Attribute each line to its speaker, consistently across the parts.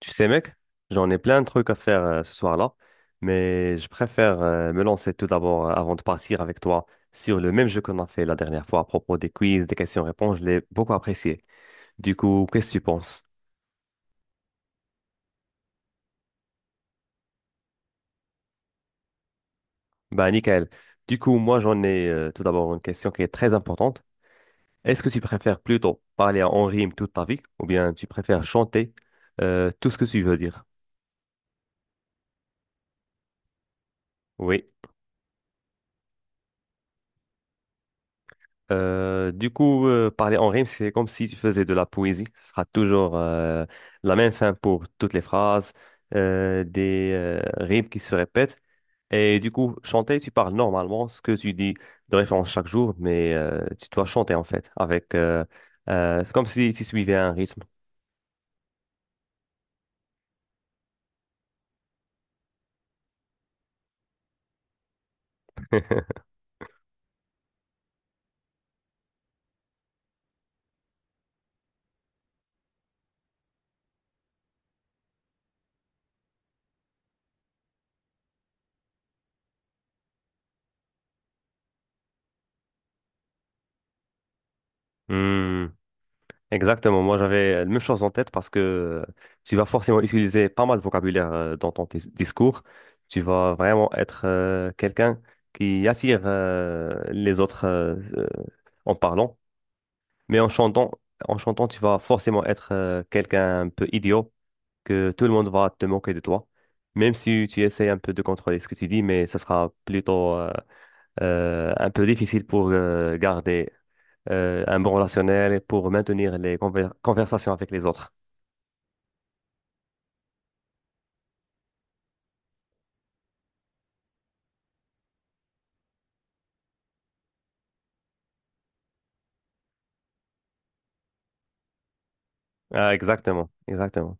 Speaker 1: Tu sais, mec, j'en ai plein de trucs à faire ce soir-là, mais je préfère me lancer tout d'abord avant de partir avec toi sur le même jeu qu'on a fait la dernière fois à propos des quiz, des questions-réponses. Je l'ai beaucoup apprécié. Du coup, qu'est-ce que tu penses? Bah, nickel. Du coup, moi, j'en ai tout d'abord une question qui est très importante. Est-ce que tu préfères plutôt parler en rime toute ta vie ou bien tu préfères chanter tout ce que tu veux dire? Oui. Parler en rime, c'est comme si tu faisais de la poésie. Ce sera toujours la même fin pour toutes les phrases, des rimes qui se répètent. Et du coup, chanter, tu parles normalement ce que tu dis de référence chaque jour, mais tu dois chanter en fait, avec c'est comme si tu suivais un rythme. Hmm. Exactement, moi j'avais la même chose en tête parce que tu vas forcément utiliser pas mal de vocabulaire dans ton discours. Tu vas vraiment être quelqu'un qui attire les autres en parlant, mais en chantant, tu vas forcément être quelqu'un un peu idiot, que tout le monde va te moquer de toi, même si tu essayes un peu de contrôler ce que tu dis, mais ça sera plutôt un peu difficile pour garder un bon relationnel et pour maintenir les conversations avec les autres. Ah, exactement, exactement.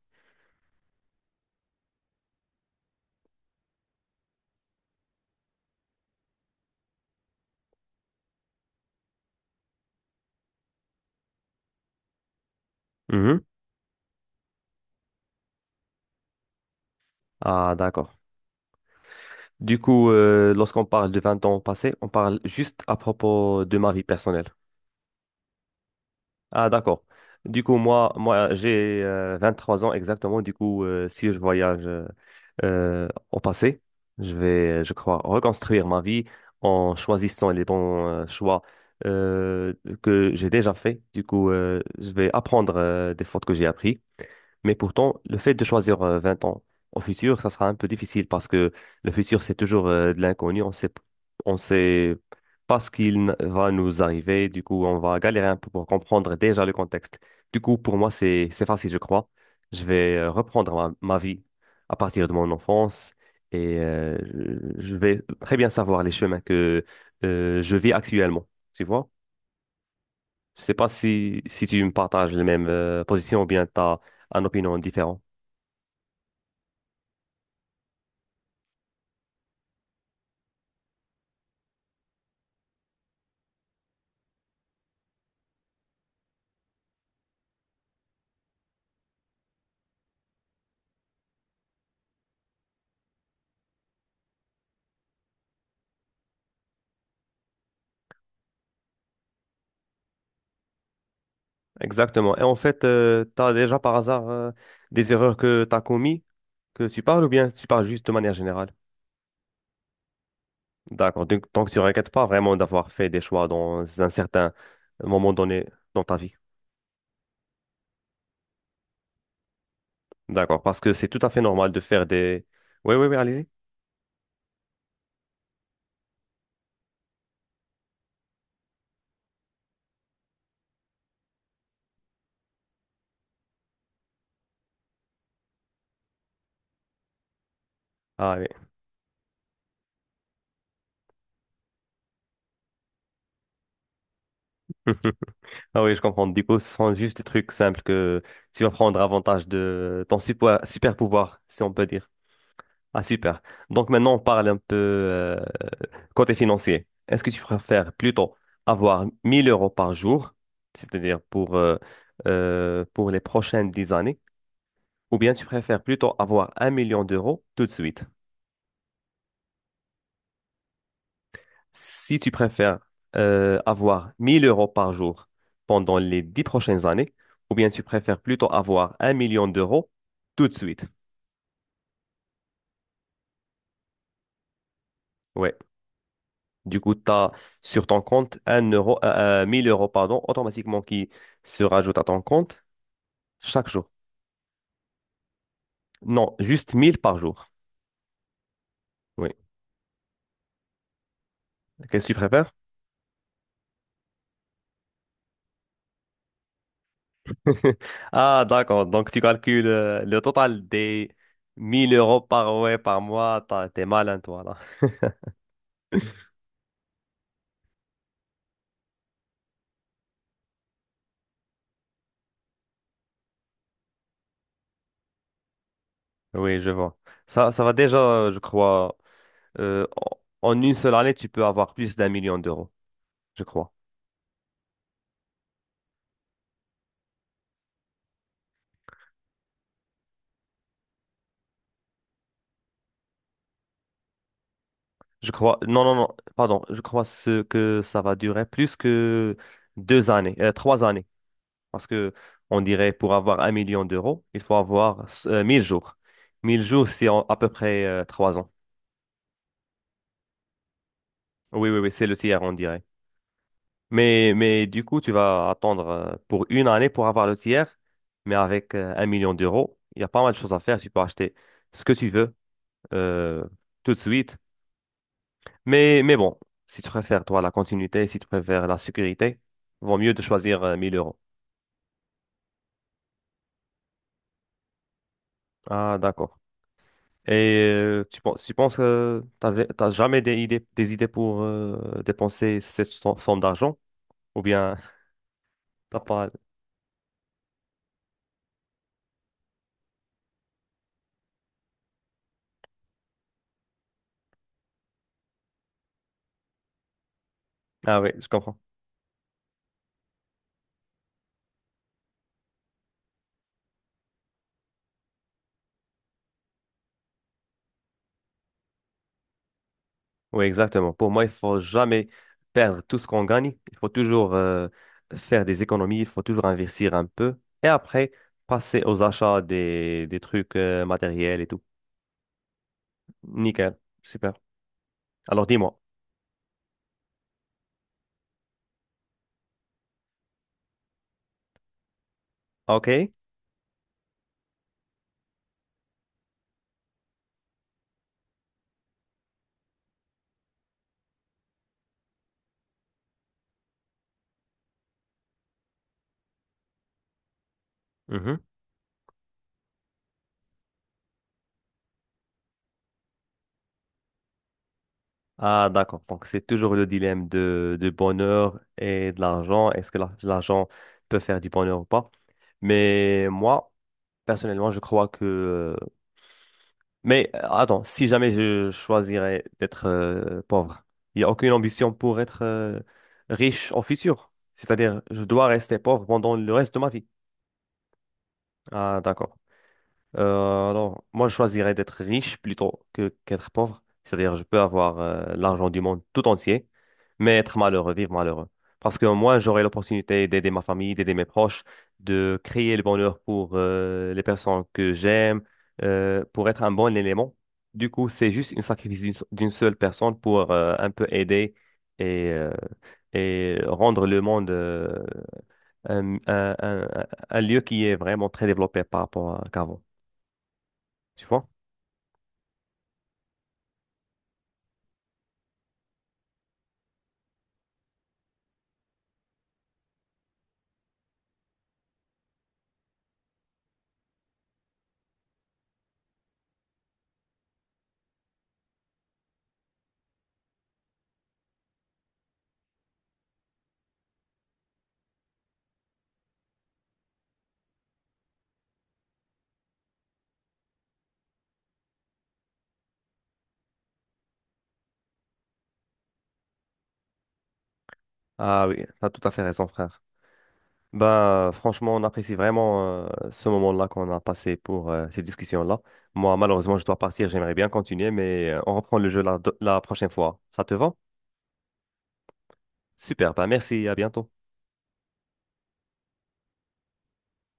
Speaker 1: Mhm. Ah, d'accord. Du coup, lorsqu'on parle de 20 ans passés, on parle juste à propos de ma vie personnelle. Ah, d'accord. Du coup, moi j'ai 3 ans exactement. Du coup, Si je voyage au passé, je vais, je crois, reconstruire ma vie en choisissant les bons choix euh, que j'ai déjà faits. Du coup, je vais apprendre des fautes que j'ai apprises mais pourtant, le fait de choisir 20 ans au futur, ça sera un peu difficile parce que le futur, c'est toujours de l'inconnu. On sait pas ce qu'il va nous arriver. Du coup, on va galérer un peu pour comprendre déjà le contexte. Du coup, pour moi, c'est facile, je crois. Je vais reprendre ma vie à partir de mon enfance et je vais très bien savoir les chemins que je vis actuellement. Tu vois? Je sais pas si tu me partages les mêmes positions ou bien tu as une opinion différente. Exactement. Et en fait, tu as déjà par hasard des erreurs que tu as commises, que tu parles ou bien tu parles juste de manière générale? D'accord. Donc tu ne regrettes pas vraiment d'avoir fait des choix dans un certain moment donné dans ta vie. D'accord. Parce que c'est tout à fait normal de faire des... Oui, oui, oui, allez-y. Ah oui. Ah oui, je comprends. Du coup, ce sont juste des trucs simples que tu vas prendre avantage de ton super pouvoir, si on peut dire. Ah, super. Donc maintenant, on parle un peu côté financier. Est-ce que tu préfères plutôt avoir 1000 euros par jour, c'est-à-dire pour les prochaines 10 années, ou bien tu préfères plutôt avoir un million d'euros tout de suite? Si tu préfères avoir 1000 euros par jour pendant les 10 prochaines années, ou bien tu préfères plutôt avoir un million d'euros tout de suite? Ouais. Du coup, tu as sur ton compte 1000 euros pardon, automatiquement qui se rajoute à ton compte chaque jour. Non, juste 1000 par jour. Oui. Qu'est-ce que tu préfères? Ah, d'accord. Donc, tu calcules le total des 1000 euros par, ouais, par mois. T'es malin, toi, là. Oui, je vois. Ça va déjà, je crois. euh, en En une seule année, tu peux avoir plus d'un million d'euros, je crois. Je crois, non, non, non, pardon, je crois ce que ça va durer plus que deux années, 3 années. Parce que on dirait pour avoir un million d'euros, il faut avoir 1000 jours. 1000 jours, c'est à peu près 3 ans. Oui, oui, oui, c'est le tiers, on dirait. Mais du coup, tu vas attendre pour une année pour avoir le tiers. Mais avec un million d'euros, il y a pas mal de choses à faire. Tu peux acheter ce que tu veux euh, tout de suite. Mais bon, si tu préfères, toi, la continuité, si tu préfères la sécurité, vaut mieux de choisir 1000 euros. Ah, d'accord. Et tu penses que t'as jamais des idées, des idées pour dépenser cette somme d'argent? Ou bien t'as pas... Ah oui, je comprends. Oui, exactement. Pour moi, il faut jamais perdre tout ce qu'on gagne. Il faut toujours faire des économies, il faut toujours investir un peu. Et après, passer aux achats des trucs matériels et tout. Nickel, super. Alors dis-moi. OK. Mhm. Ah, d'accord. Donc, c'est toujours le dilemme de, du bonheur et de l'argent. Est-ce que l'argent peut faire du bonheur ou pas? Mais moi, personnellement, je crois que... Mais attends, si jamais je choisirais d'être pauvre, il n'y a aucune ambition pour être riche en futur. C'est-à-dire, je dois rester pauvre pendant le reste de ma vie. Ah, d'accord. Alors, moi, je choisirais d'être riche plutôt que qu'être pauvre. C'est-à-dire, je peux avoir l'argent du monde tout entier, mais être malheureux, vivre malheureux. Parce que moi, j'aurai l'opportunité d'aider ma famille, d'aider mes proches, de créer le bonheur pour les personnes que j'aime, pour être un bon élément. Du coup, c'est juste une sacrifice d'une seule personne pour un peu aider et, euh, et rendre le monde un, un- un- un lieu qui est vraiment très développé par rapport à qu'avant tu vois? Ah oui, t'as tout à fait raison, frère. Ben, franchement, on apprécie vraiment ce moment-là qu'on a passé pour ces discussions-là. Moi, malheureusement, je dois partir. J'aimerais bien continuer, mais on reprend le jeu la prochaine fois. Ça te va? Super, ben merci, à bientôt.